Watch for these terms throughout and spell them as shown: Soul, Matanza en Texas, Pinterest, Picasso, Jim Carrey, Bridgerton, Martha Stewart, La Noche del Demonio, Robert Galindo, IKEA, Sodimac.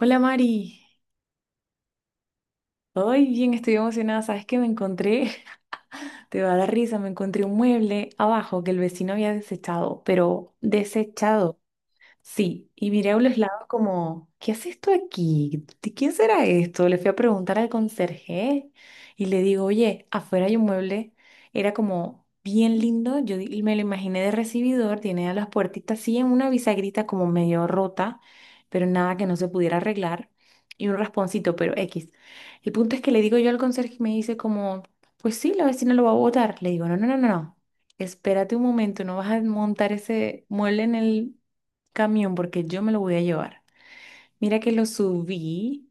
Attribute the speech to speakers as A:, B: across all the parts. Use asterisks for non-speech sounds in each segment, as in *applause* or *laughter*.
A: Hola Mari, hoy bien estoy emocionada, sabes que me encontré, *laughs* te va a dar risa, me encontré un mueble abajo que el vecino había desechado, pero desechado. Sí, y miré a un lado como, ¿qué hace esto aquí? ¿De quién será esto? Le fui a preguntar al conserje y le digo, oye, afuera hay un mueble, era como bien lindo, me lo imaginé de recibidor, tiene a las puertitas así en una bisagrita como medio rota, pero nada que no se pudiera arreglar, y un rasponcito, pero X. El punto es que le digo yo al conserje y me dice como, pues sí, la vecina lo va a botar. Le digo, no, no, no, no, no, espérate un momento, no vas a montar ese mueble en el camión porque yo me lo voy a llevar. Mira que lo subí,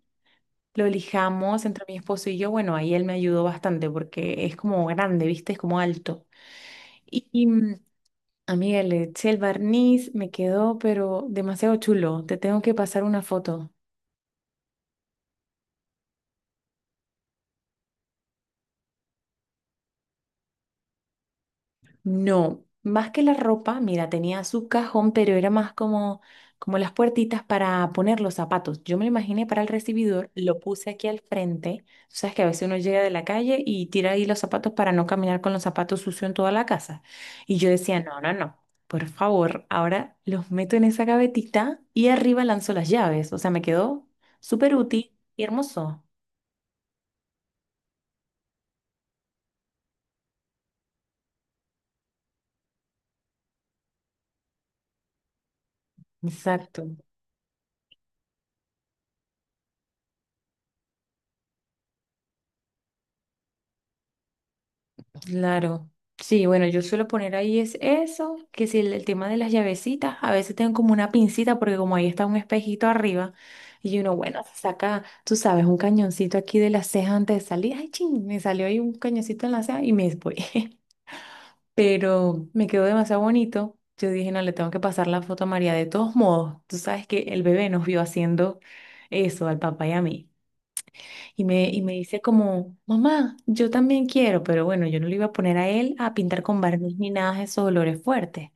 A: lo lijamos entre mi esposo y yo. Bueno, ahí él me ayudó bastante porque es como grande, ¿viste? Es como alto. Y, y, mm, Amiga, le eché el barniz, me quedó, pero demasiado chulo. Te tengo que pasar una foto. No, más que la ropa, mira, tenía su cajón, pero era más como, como las puertitas para poner los zapatos. Yo me lo imaginé para el recibidor, lo puse aquí al frente. Tú sabes que a veces uno llega de la calle y tira ahí los zapatos para no caminar con los zapatos sucios en toda la casa. Y yo decía, no, no, no, por favor, ahora los meto en esa gavetita y arriba lanzo las llaves. O sea, me quedó súper útil y hermoso. Exacto. Claro. Sí, bueno, yo suelo poner ahí es eso, que si el tema de las llavecitas, a veces tengo como una pincita porque como ahí está un espejito arriba y uno, bueno, se saca, tú sabes, un cañoncito aquí de la ceja antes de salir, ay, ching, me salió ahí un cañoncito en la ceja y me voy. *laughs* Pero me quedó demasiado bonito. Yo dije, no, le tengo que pasar la foto a María. De todos modos, tú sabes que el bebé nos vio haciendo eso al papá y a mí. Y me dice como, mamá, yo también quiero, pero bueno, yo no le iba a poner a él a pintar con barniz ni nada de esos olores fuertes.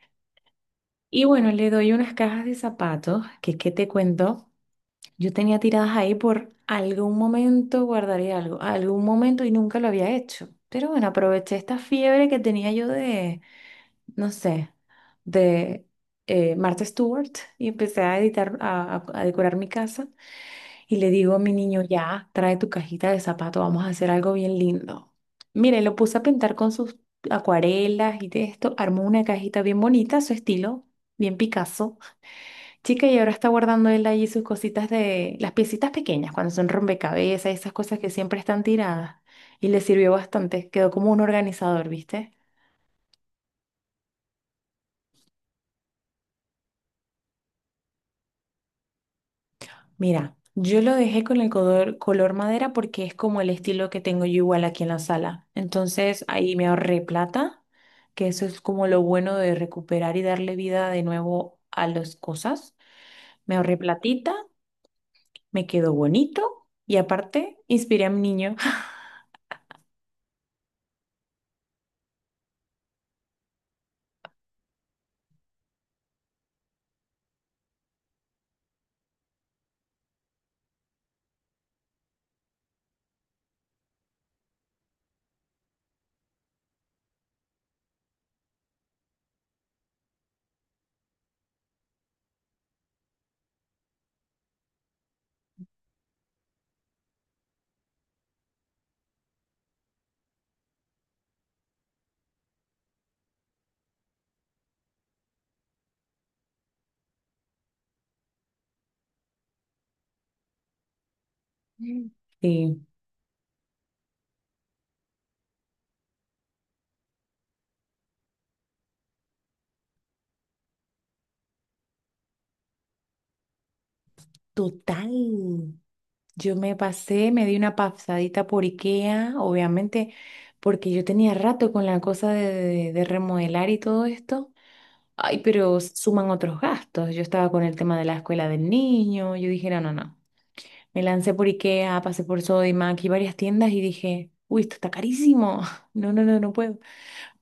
A: Y bueno, le doy unas cajas de zapatos, que qué te cuento, yo tenía tiradas ahí por algún momento, guardaría algo, algún momento y nunca lo había hecho. Pero bueno, aproveché esta fiebre que tenía yo de, no sé, de Martha Stewart y empecé a editar, a decorar mi casa. Y le digo a mi niño, ya, trae tu cajita de zapato, vamos a hacer algo bien lindo. Mire, lo puse a pintar con sus acuarelas y de esto, armó una cajita bien bonita, a su estilo, bien Picasso. Chica, y ahora está guardando él allí sus cositas de, las piecitas pequeñas, cuando son rompecabezas, esas cosas que siempre están tiradas. Y le sirvió bastante, quedó como un organizador, ¿viste? Mira, yo lo dejé con el color, color madera porque es como el estilo que tengo yo igual aquí en la sala. Entonces ahí me ahorré plata, que eso es como lo bueno de recuperar y darle vida de nuevo a las cosas. Me ahorré platita, me quedó bonito y aparte inspiré a mi niño. *laughs* Mm. Sí, total. Yo me pasé, me di una pasadita por IKEA, obviamente, porque yo tenía rato con la cosa de, de remodelar y todo esto. Ay, pero suman otros gastos. Yo estaba con el tema de la escuela del niño. Yo dije, no, no, no. Me lancé por IKEA, pasé por Sodimac y varias tiendas y dije, uy, esto está carísimo. *laughs* No, no, no, no puedo.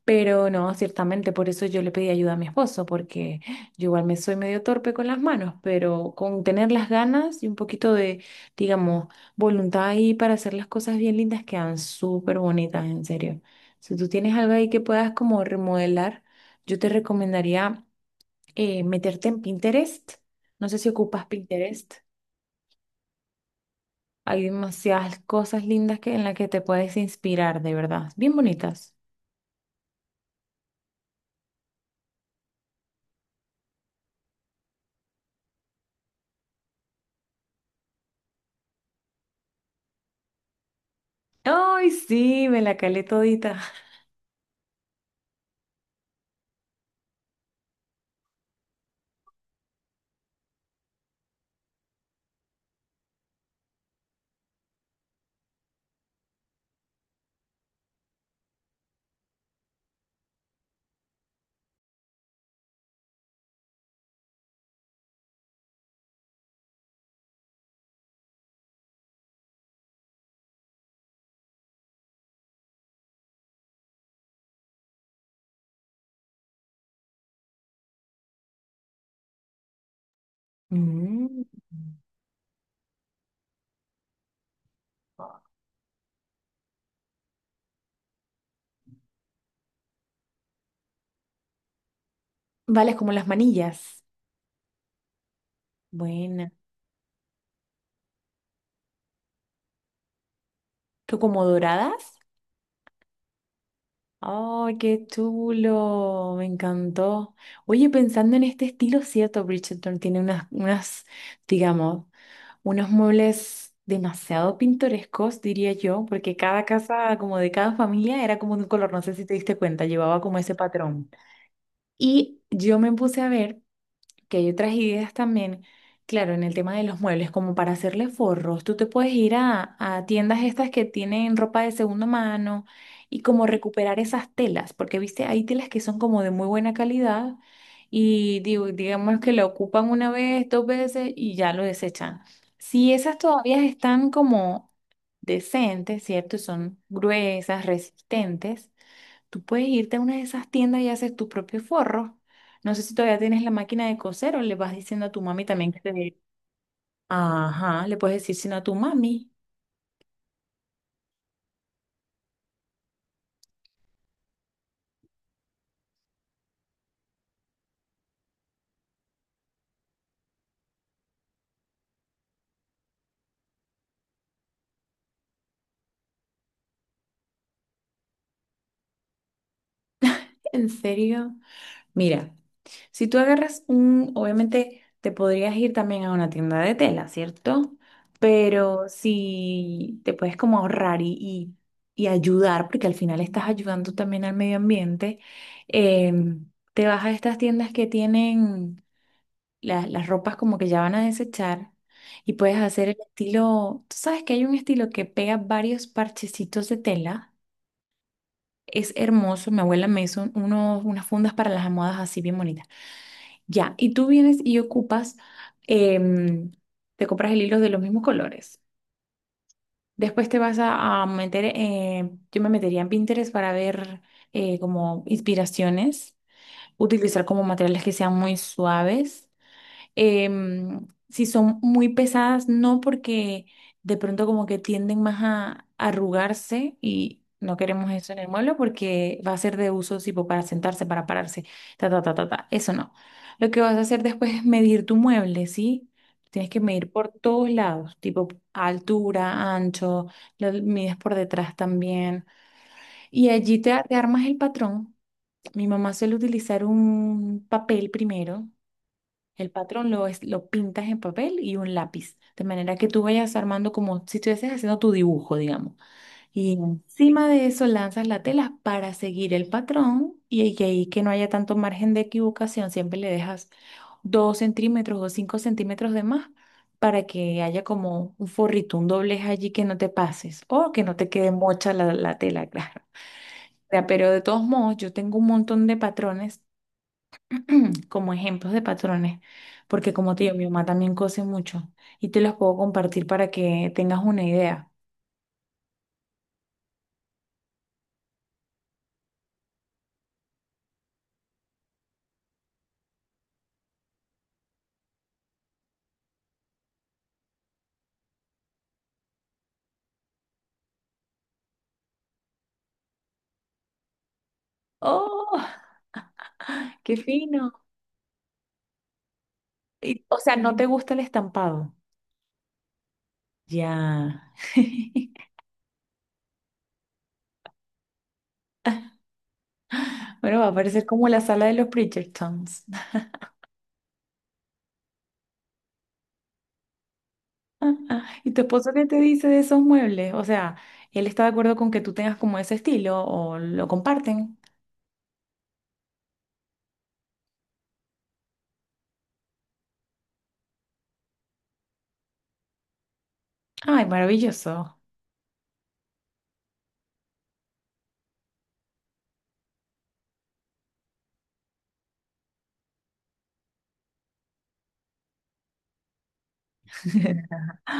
A: Pero no, ciertamente, por eso yo le pedí ayuda a mi esposo, porque yo igual me soy medio torpe con las manos, pero con tener las ganas y un poquito de, digamos, voluntad ahí para hacer las cosas bien lindas quedan súper bonitas, en serio. Si tú tienes algo ahí que puedas como remodelar, yo te recomendaría meterte en Pinterest. No sé si ocupas Pinterest. Hay demasiadas cosas lindas que, en las que te puedes inspirar, de verdad. Bien bonitas. ¡Ay, sí! Me la calé todita. Mm. Vale, es como las manillas. Buena. ¿Tú como doradas? ¡Ay, qué chulo! Me encantó. Oye, pensando en este estilo, cierto, Bridgerton tiene unas, unas, digamos, unos muebles demasiado pintorescos, diría yo, porque cada casa, como de cada familia, era como de un color, no sé si te diste cuenta, llevaba como ese patrón. Y yo me puse a ver que hay otras ideas también, claro, en el tema de los muebles, como para hacerle forros, tú te puedes ir a tiendas estas que tienen ropa de segunda mano y como recuperar esas telas, porque viste, hay telas que son como de muy buena calidad y digo, digamos que la ocupan una vez, dos veces y ya lo desechan. Si esas todavía están como decentes, ¿cierto? Son gruesas, resistentes. Tú puedes irte a una de esas tiendas y haces tus propios forros. No sé si todavía tienes la máquina de coser o le vas diciendo a tu mami también que te dé. Ajá, le puedes decir sino a tu mami. ¿En serio? Mira, si tú agarras un, obviamente te podrías ir también a una tienda de tela, ¿cierto? Pero si te puedes como ahorrar y, y ayudar, porque al final estás ayudando también al medio ambiente, em, te vas a estas tiendas que tienen las ropas como que ya van a desechar y puedes hacer el estilo, tú sabes que hay un estilo que pega varios parchecitos de tela, es hermoso, mi abuela me hizo unos, unas fundas para las almohadas así bien bonitas. Ya, y tú vienes y ocupas, em, te compras el hilo de los mismos colores. Después te vas a meter, yo me metería en Pinterest para ver como inspiraciones, utilizar como materiales que sean muy suaves. Em, si son muy pesadas, no porque de pronto como que tienden más a arrugarse y no queremos eso en el mueble porque va a ser de uso tipo para sentarse, para pararse, ta, ta, ta, ta, ta. Eso no. Lo que vas a hacer después es medir tu mueble, ¿sí? Tienes que medir por todos lados, tipo altura, ancho, lo mides por detrás también. Y allí te, te armas el patrón. Mi mamá suele utilizar un papel primero, el patrón lo, lo pintas en papel y un lápiz, de manera que tú vayas armando como si estuvieses haciendo tu dibujo, digamos. Y encima de eso lanzas la tela para seguir el patrón y ahí que no haya tanto margen de equivocación, siempre le dejas 2 centímetros o 5 centímetros de más para que haya como un forrito, un doblez allí que no te pases o que no te quede mocha la, la tela, *laughs* claro. O sea, pero de todos modos, yo tengo un montón de patrones *clears throat* como ejemplos de patrones, porque como te digo, mi mamá también cose mucho y te los puedo compartir para que tengas una idea. ¡Oh, *laughs* qué fino! Y, o sea, ¿no te gusta el estampado? Ya. *laughs* Bueno, va a parecer como la sala de los Bridgertons. *laughs* ¿Y tu esposo qué te dice de esos muebles? O sea, ¿él está de acuerdo con que tú tengas como ese estilo o lo comparten? Ay, maravilloso. *laughs*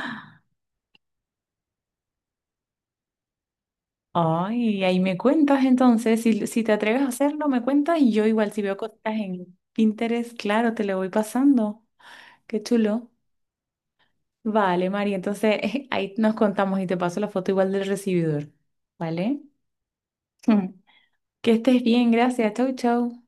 A: Ay, ahí me cuentas entonces, si, si te atreves a hacerlo, me cuentas y yo igual si veo cosas en Pinterest, claro, te lo voy pasando. Qué chulo. Vale, María, entonces *laughs* ahí nos contamos y te paso la foto igual del recibidor. ¿Vale? *laughs* Que estés bien, gracias. Chau, chau.